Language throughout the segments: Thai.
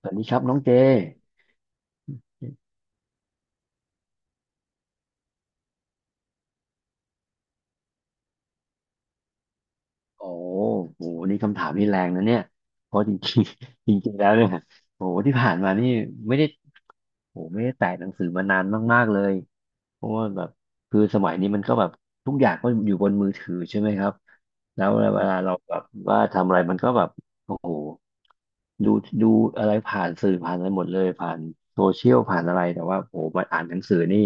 สวัสดีครับน้องเจโอ้โหนี่คำถามนี่แรงนะเนี่ยเพราะจริงๆ จริงๆแล้วเนี่ยโอ้โหที่ผ่านมานี่ไม่ได้โอ้โหไม่ได้แตะหนังสือมานานมากๆเลยเพราะว่าแบบคือสมัยนี้มันก็แบบทุกอย่างก็อยู่บนมือถือใช่ไหมครับแล้วเวลาเราแบบว่าทำอะไรมันก็แบบโอ้โหดูดูอะไรผ่านสื่อผ่านอะไรหมดเลยผ่านโซเชียลผ่านอะไรแต่ว่าโอ้โหมาอ่านหนังสือนี่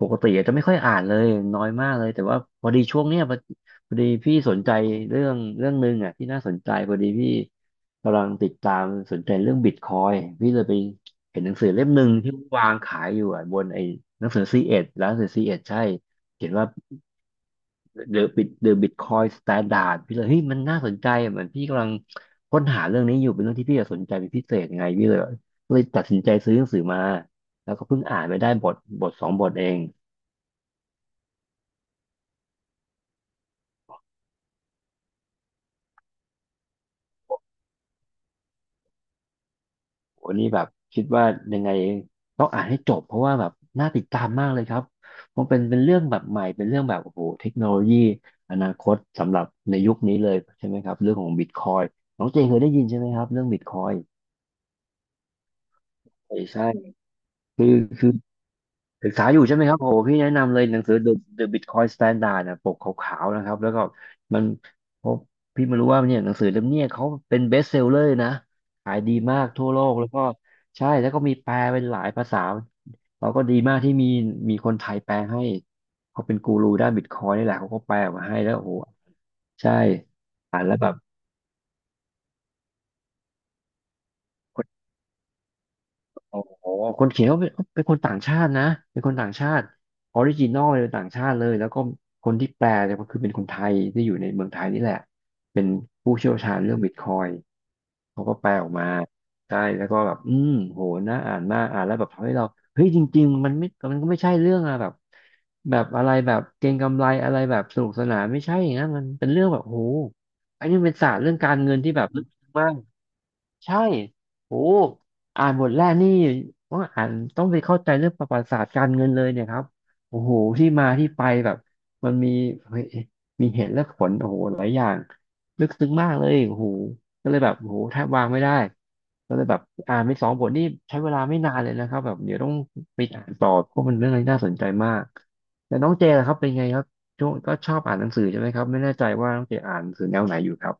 ปกติอาจจะไม่ค่อยอ่านเลยน้อยมากเลยแต่ว่าพอดีช่วงเนี้ยพอดีพี่สนใจเรื่องหนึ่งอ่ะที่น่าสนใจพอดีพี่กำลังติดตามสนใจเรื่องบิตคอยพี่เลยไปเห็นหนังสือเล่มหนึ่งที่วางขายอยู่อ่ะบนไอ้หนังสือซีเอ็ดร้านหนังสือซีเอ็ดใช่เขียนว่า The Bitcoin Standard พี่เลยเฮ้ยมันน่าสนใจเหมือนพี่กำลังค้นหาเรื่องนี้อยู่เป็นเรื่องที่พี่สนใจเป็นพิเศษไงพี่เลยตัดสินใจซื้อหนังสือมาแล้วก็เพิ่งอ่านไปได้บทสองบทเอง โอ้นี่แบบคิดว่ายังไงต้องอ่านให้จบเพราะว่าแบบน่าติดตามมากเลยครับเพราะเป็นเรื่องแบบใหม่เป็นเรื่องแบบโอ้โหเทคโนโลยีอนาคตสำหรับในยุคนี้เลยใช่ไหมครับเรื่องของบิตคอยน้องเจนเคยได้ยินใช่ไหมครับเรื่องบิตคอยใช่ใช่คือคือ ศึกษาอยู่ใช่ไหมครับโหพี่แนะนำเลยหนังสือ The Bitcoin Standard นะปกขาวๆนะครับแล้วก็มันพบพี่ไม่รู้ว่าเนี่ยหนังสือเล่มเนี้ยเขาเป็น best seller นะขายดีมากทั่วโลกแล้วก็ใช่แล้วก็มีแปลเป็นหลายภาษาเราก็ดีมากที่มีคนไทยแปลให้เขาเป็นกูรูด้านบิตคอยนี่แหละเขาก็แปลออกมาให้แล้วโอ้โหใช่อ่านแล้วแบบ โอ้โหคนเขียนก็เป็นคนต่างชาตินะ เป็นคนต่างชาติออริจินอลเลยป็นต่างชาติเลยแล้วก็คนที่แปลเนี่ยก็คือเป็นคนไทยที่อยู่ในเมืองไทยนี่แหละเป็นผู้เชี่ยวชาญเรื่องบิตคอยเขาก็แปลออกมาใช่แล้วก็แบบโหน่าอ่านมากอ่านแล้วแบบทำให้เราเฮ้ยจริงๆมันไม่มันก็ไม่ใช่เรื่องอะแบบแบบอะไรแบบเก็งกำไรอะไรแบบสนุกสนานไม่ใช่อย่างนั้นมันเป็นเรื่องแบบโหอันนี้มันเป็นศาสตร์เรื่องการเงินที่แบบลึกมาก ใช่โอ้อ่านบทแรกนี่ต้องอ่านต้องไปเข้าใจเรื่องประวัติศาสตร์การเงินเลยเนี่ยครับโอ้โหที่มาที่ไปแบบมันมีเฮ้ยมีเหตุและผลโอ้โหหลายอย่างลึกซึ้งมากเลยโอ้โหก็เลยแบบโอ้โหแทบวางไม่ได้ก็เลยแบบอ่านไปสองบทนี่ใช้เวลาไม่นานเลยนะครับแบบเดี๋ยวต้องไปอ่านต่อเพราะมันเรื่องอะไรน่าสนใจมากแล้วน้องเจล่ะครับเป็นไงครับช่วงก็ชอบอ่านหนังสือใช่ไหมครับไม่แน่ใจว่าน้องเจอ่านหนังสือแนวไหนอยู่ครับ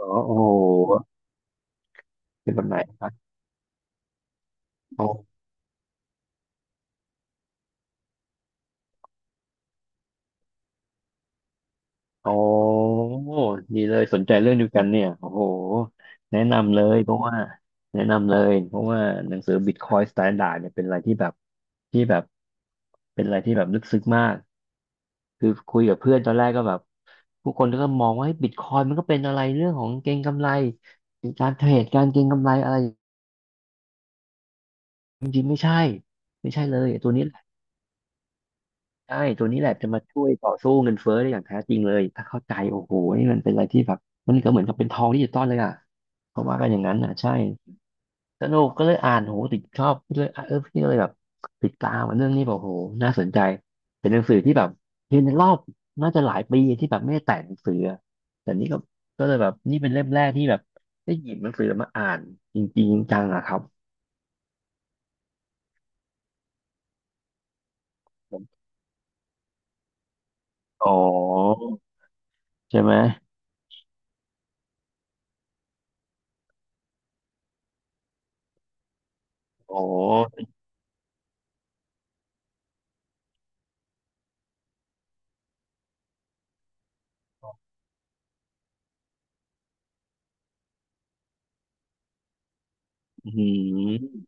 อ๋อโอ้โหเป็นแบบไหนครับ โอ้ดีเลยสนใจเรื่องเดียวกันเนี่ยโอ้โหแนะนำเลยเพราะว่าแนะนำเลยเพราะว่าหนังสือ Bitcoin Standard เนี่ยเป็นอะไรที่แบบเป็นอะไรที่แบบลึกซึ้งมากคือคุยกับเพื่อนตอนแรกก็แบบผู้คนก็มองว่าบิตคอยมันก็เป็นอะไรเรื่องของเก็งกำไรการเทรดการเก็งกำไรอะไรจริงๆไม่ใช่ไม่ใช่เลยไอ้ตัวนี้ ใช่ตัวนี้แหละจะมาช่วยต่อสู้เงินเฟ้อได้อย่างแท้จริงเลยถ้าเข้าใจโอ้โหนี่มันเป็นอะไรที่แบบมันก็เหมือนกับเป็นทองดิจิตอลเลยอ่ะเขาว่ากันอย่างนั้นอ่ะใช่สนุกก็เลยอ่านโหติดชอบเลยอ่ะเออพี่ก็เลยแบบติดตามอ่ะเรื่องนี้แบบโหน่าสนใจเป็นหนังสือที่แบบเรียนในรอบน่าจะหลายปีที่แบบไม่ได้แต่งหนังสืออะแต่นี่ก็เลยแบบนี่เป็นเล่มแรกที่แบบได้หยิบหนังสือมาอ่านจริงๆจังๆอะครับอ๋อใช่ไหมอ๋ออืม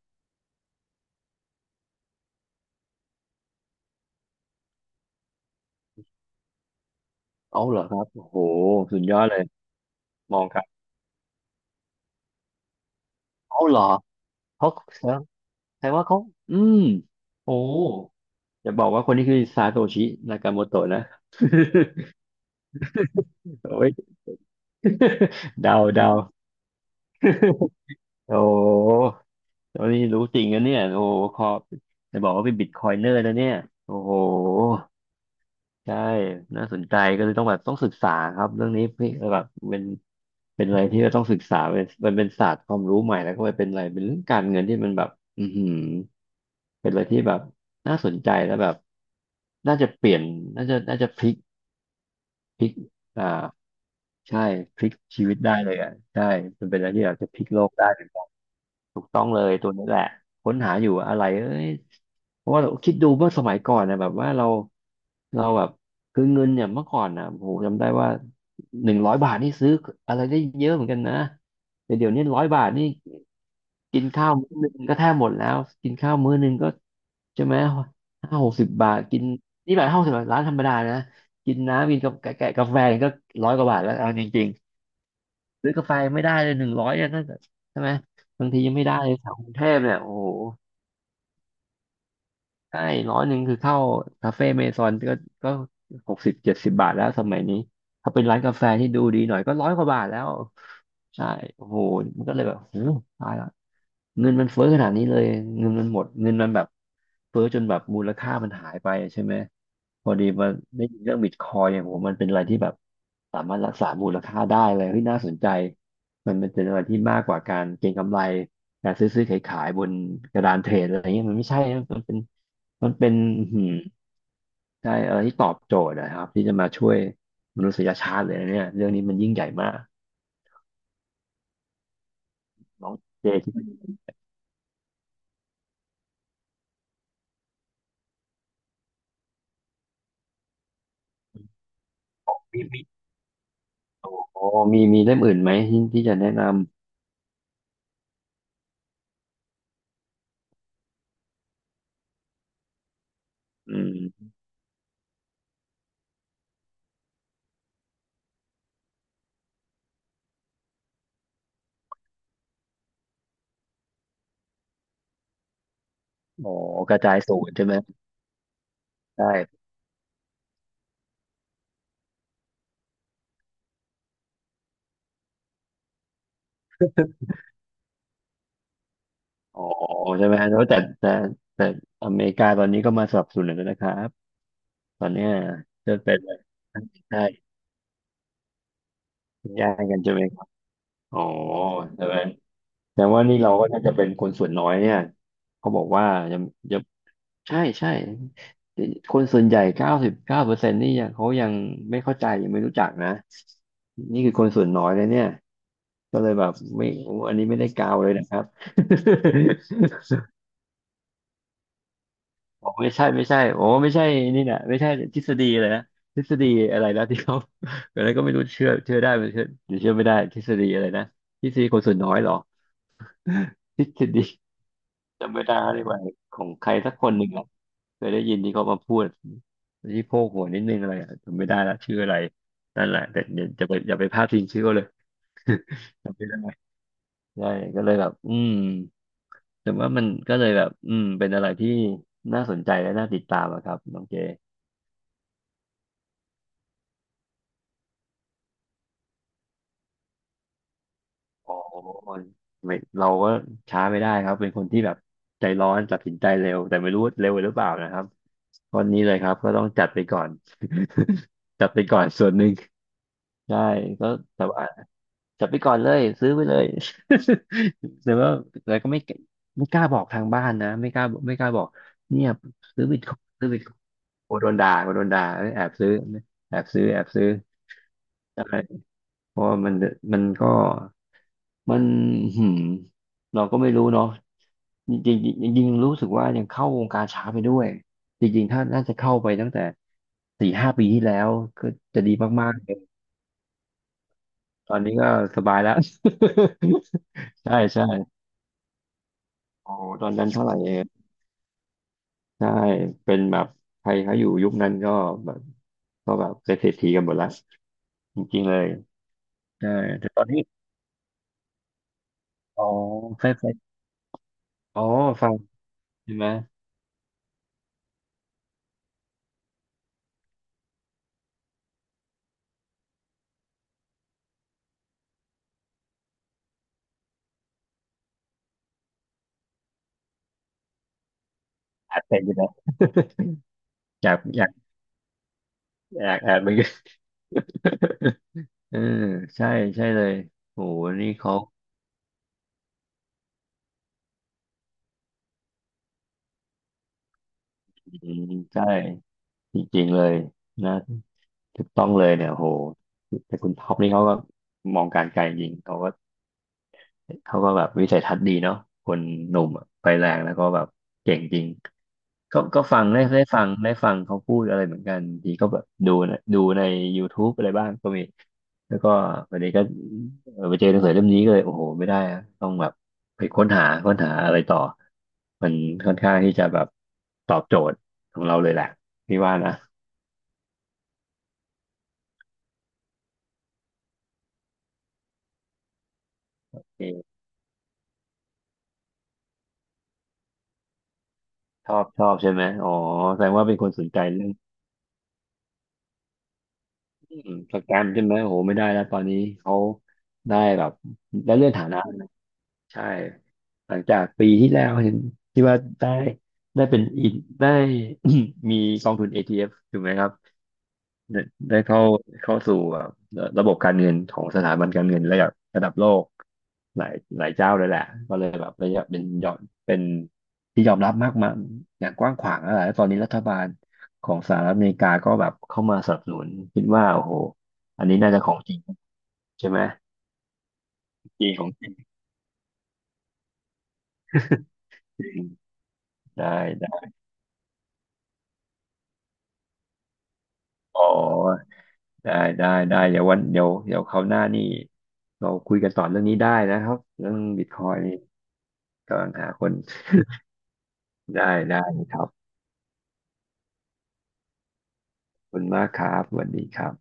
เอาเหรอครับโอ้โหสุดยอดเลยมองครับเอาเหรอเขาแสดงแสดงว่าเขาอืมโอ้อย่าบอกว่าคนนี้คือซาโตชินากาโมโตะนะ โอ้ย เดา โอ้ตอนนี้รู้จริงนะเนี่ยโอ้ขอบจะบอกว่าเป็นบิตคอยเนอร์นะเนี่ยโอ้โหใช่น่าสนใจก็เลยต้องแบบต้องศึกษาครับเรื่องนี้พี่แบบเป็นอะไรที่เราต้องศึกษาเป็นมันเป็นศาสตร์ความรู้ใหม่แล้วก็เป็นอะไรเป็นเรื่องการเงินที่มันแบบอือหือ เป็นอะไรที่แบบน่าสนใจแล้วแบบน่าจะเปลี่ยนน่าจะพลิกพลิกอ่าใช่พลิกชีวิตได้เลยอ่ะใช่มันเป็นอะไรที่อาจจะพลิกโลกได้เหมือนกันถูกต้องเลยตัวนี้แหละค้นหาอยู่อะไรเอ้ยเพราะว่าเราคิดดูเมื่อสมัยก่อนนะแบบว่าเราแบบคือเงินเนี่ยเมื่อก่อนนะโอ้โหจำได้ว่าหนึ่งร้อยบาทนี่ซื้ออะไรได้เยอะเหมือนกันนะแต่เดี๋ยวนี้ร้อยบาทนี่ กินข้าวมื้อหนึ่งก็แทบหมดแล้วกินข้าวมื้อหนึ่งก็ใช่ไหมห้าหกสิบบาทกินนี่แบบห้าสิบบาทร้านธรรมดานะกินน้ำกินกับแกะกาแฟก็ร้อยกว่าบาทแล้วเอาจริงๆซื้อกาแฟไม่ได้เลยหนึ่งร้อยเนี่ยนั่นก็ใช่ไหมบางทียังไม่ได้เลยแถวกรุงเทพเนี่ยโอ้โห ใช่ร้อยหนึ่งคือเข้าคาเฟ่เมซอนก็ก็หกสิบเจ็ดสิบบาทแล้วสมัยนี้ถ้าเป็นร้านกาแฟที่ดูดีหน่อยก็ร้อยกว่าบาทแล้วใช่โอ้โหมันก็เลยแบบโอ้ตายละเงินมันเฟ้อขนาดนี้เลยเงินมันหมดเงินมันแบบเฟ้อจนแบบมูลค่ามันหายไปใช่ไหมพอดีมาได้ยินเรื่องบิตคอยเนี่ยผมมันเป็นอะไรที่แบบสามารถรักษามูลค่าได้เลยเฮ้ยน่าสนใจมันเป็นอะไรที่มากกว่าการเก็งกำไรการซื้อขายบนกระดานเทรดอะไรเงี้ยมันไม่ใช่นะมันเป็น มันเป็นอื้อหืใช่อะไรที่ตอบโจทย์นะครับที่จะมาช่วยมนุษยชาติเลยนะเนี่ยเรื่องนี้มันยิ่งใหญ่มากน้องเจคิดอืมมีอ๋อมีเล่มอื่นไหมที่จะแนะนำอืมอ๋อกระจายศูนย์ใช่ไหมได่อ๋อใช่ไหมแล้วแต่แต่อเมริกาตอนนี้ก็มาสนับสนุนแล้วนะครับตอนเนี้ยจะเป็นอะไรใช่แย่งกันใช่ไหมครับอ๋อใช่ไหมแต่ว่านี่เราก็น่าจะเป็นคนส่วนน้อยเนี่ยเขาบอกว่ายัง ใช่ใช่คนส่วนใหญ่เก้าสิบเก้าเปอร์เซ็นต์นี่ยังเขายังไม่เข้าใจยังไม่รู้จักนะนี่คือคนส่วนน้อยเลยเนี่ยก็เลยแบบไม่โอ้อันนี้ไม่ได้กาวเลยนะครับ บอกไม่ใช่โอ้ไม่ใช่นี่นะไม่ใช่ทฤษฎีเลยนะทฤษฎีอะไรนะที่เขาอะไรก็ไม่รู้เชื่อได้หรือเชื่อหรือเชื่อไม่ได้ทฤษฎีอะไรนะทฤษฎีคนส่วนน้อยเหรอ ทฤษฎี จำไม่ได้แล้วดียกว่าของใครสักคนหนึ่งอะเคยได้ยินที่เขามาพูดที่โพกหัวนิดนึงอะไรอะจำไม่ได้ละชื่ออะไรนั่นแหละแต่เดี๋ยวจะไปอย่าไปพลาดทิ้งชื่อเขาเลย จำไม่ได้ใช่ก็เลยแบบอืมแต่ว่ามันก็เลยแบบอืมเป็นอะไรที่น่าสนใจและน่าติดตามอะครับน้องเจอ๋อไม่เราก็ช้าไม่ได้ครับเป็นคนที่แบบใจร้อนตัดสินใจเร็วแต่ไม่รู้เร็วหรือเปล่านะครับตอนนี้เลยครับก็ต้องจัดไปก่อน จัดไปก่อนส่วนหนึ่ง ใช่ก็แต่ว่าจับไปก่อนเลยซื้อไปเลย แต่ว่าแต่ก็ไม่กล้าบอกทางบ้านนะไม่กล้าบอกเนี่ยซื้อบิตคอยน์โอ้โดนด่าแอบซื้อแอบซื้อใช่เพราะว่ามันก็มันหืมเราก็ไม่รู้เนาะจริงๆจริงๆจรงๆรู้สึกว่ายังเข้าวงการช้าไปด้วยจริงๆถ้าน่าจะเข้าไปตั้งแต่สี่ห้าปีที่แล้วก็จะดีมากๆเลยตอนนี้ก็สบายแล้ว ใช่ใช่โอ้โหตอนนั้นเท่าไหร่เองใช่เป็นแบบใครเขาอยู่ยุคนั้นก็แบบเป็นเศรษฐีกันหมดละจริงๆเลยใช่แต่ตอนนี้อ๋อไฟซอ๋อฟังใช่ไหมอัดเป็นอยู่นะ อยากอยากแอบเหมือนกัน เออใช่ใช่เลยโหนี่เขาอืมใช่จริงๆเลยนะถูกต้องเลยเนี่ยโหแต่คุณท็อปนี่เขาก็มองการไกลจริงเขาก็ เขาก็แบบวิสัยทัศน์ดีเนาะคนหนุ่มอะไฟแรงแล้วก็แบบเก่งจริงก็ฟังได้ฟังได้ฟังเขาพูดอะไรเหมือนกันทีก็แบบดูนะดูใน YouTube อะไรบ้างก็มีแล้วก็วันนี้ก็เออไปเจอหนังสือเล่มนี้ก็เลยโอ้โหไม่ได้อะต้องแบบไปค้นหาอะไรต่อมันค่อนข้างที่จะแบบตอบโจทย์ของเราเลยแหละพี่ว่านะเออชอบใช่ไหมอ๋อแสดงว่าเป็นคนสนใจเรื่อง อืมสแกมใช่ไหมโหไม่ได้แล้วตอนนี้เขาได้แบบได้เลื่อนฐานะใช่หลังจากปีที่แล้วเห็นที่ว่าได้ได้เป็นอินได้ มีกองทุน ETF ถูกไหมครับ ได้เข้าสู่แบบระบบการเงินของสถาบันการเงินระดับโลกหลายเจ้าเลยแหละก็เลยแบบระยะเป็นยอมเป็นที่ยอมรับมากมายอย่างกว้างขวางอะไรแล้วตอนนี้รัฐบาลของสหรัฐอเมริกาก็แบบเข้ามาสนับสนุนคิดว่าโอ้โหอันนี้น่าจะของจริงใช่ไหมจริงของจริงจริงได้ได้อ๋อได้ได้เดี๋ยววันเดี๋ยวคราวหน้านี่เราคุยกันต่อเรื่องนี้ได้นะครับเรื่องบิตคอยนี่กำลังหาคน ได้ได้ครับ คุณมากครับสวัสดีครับ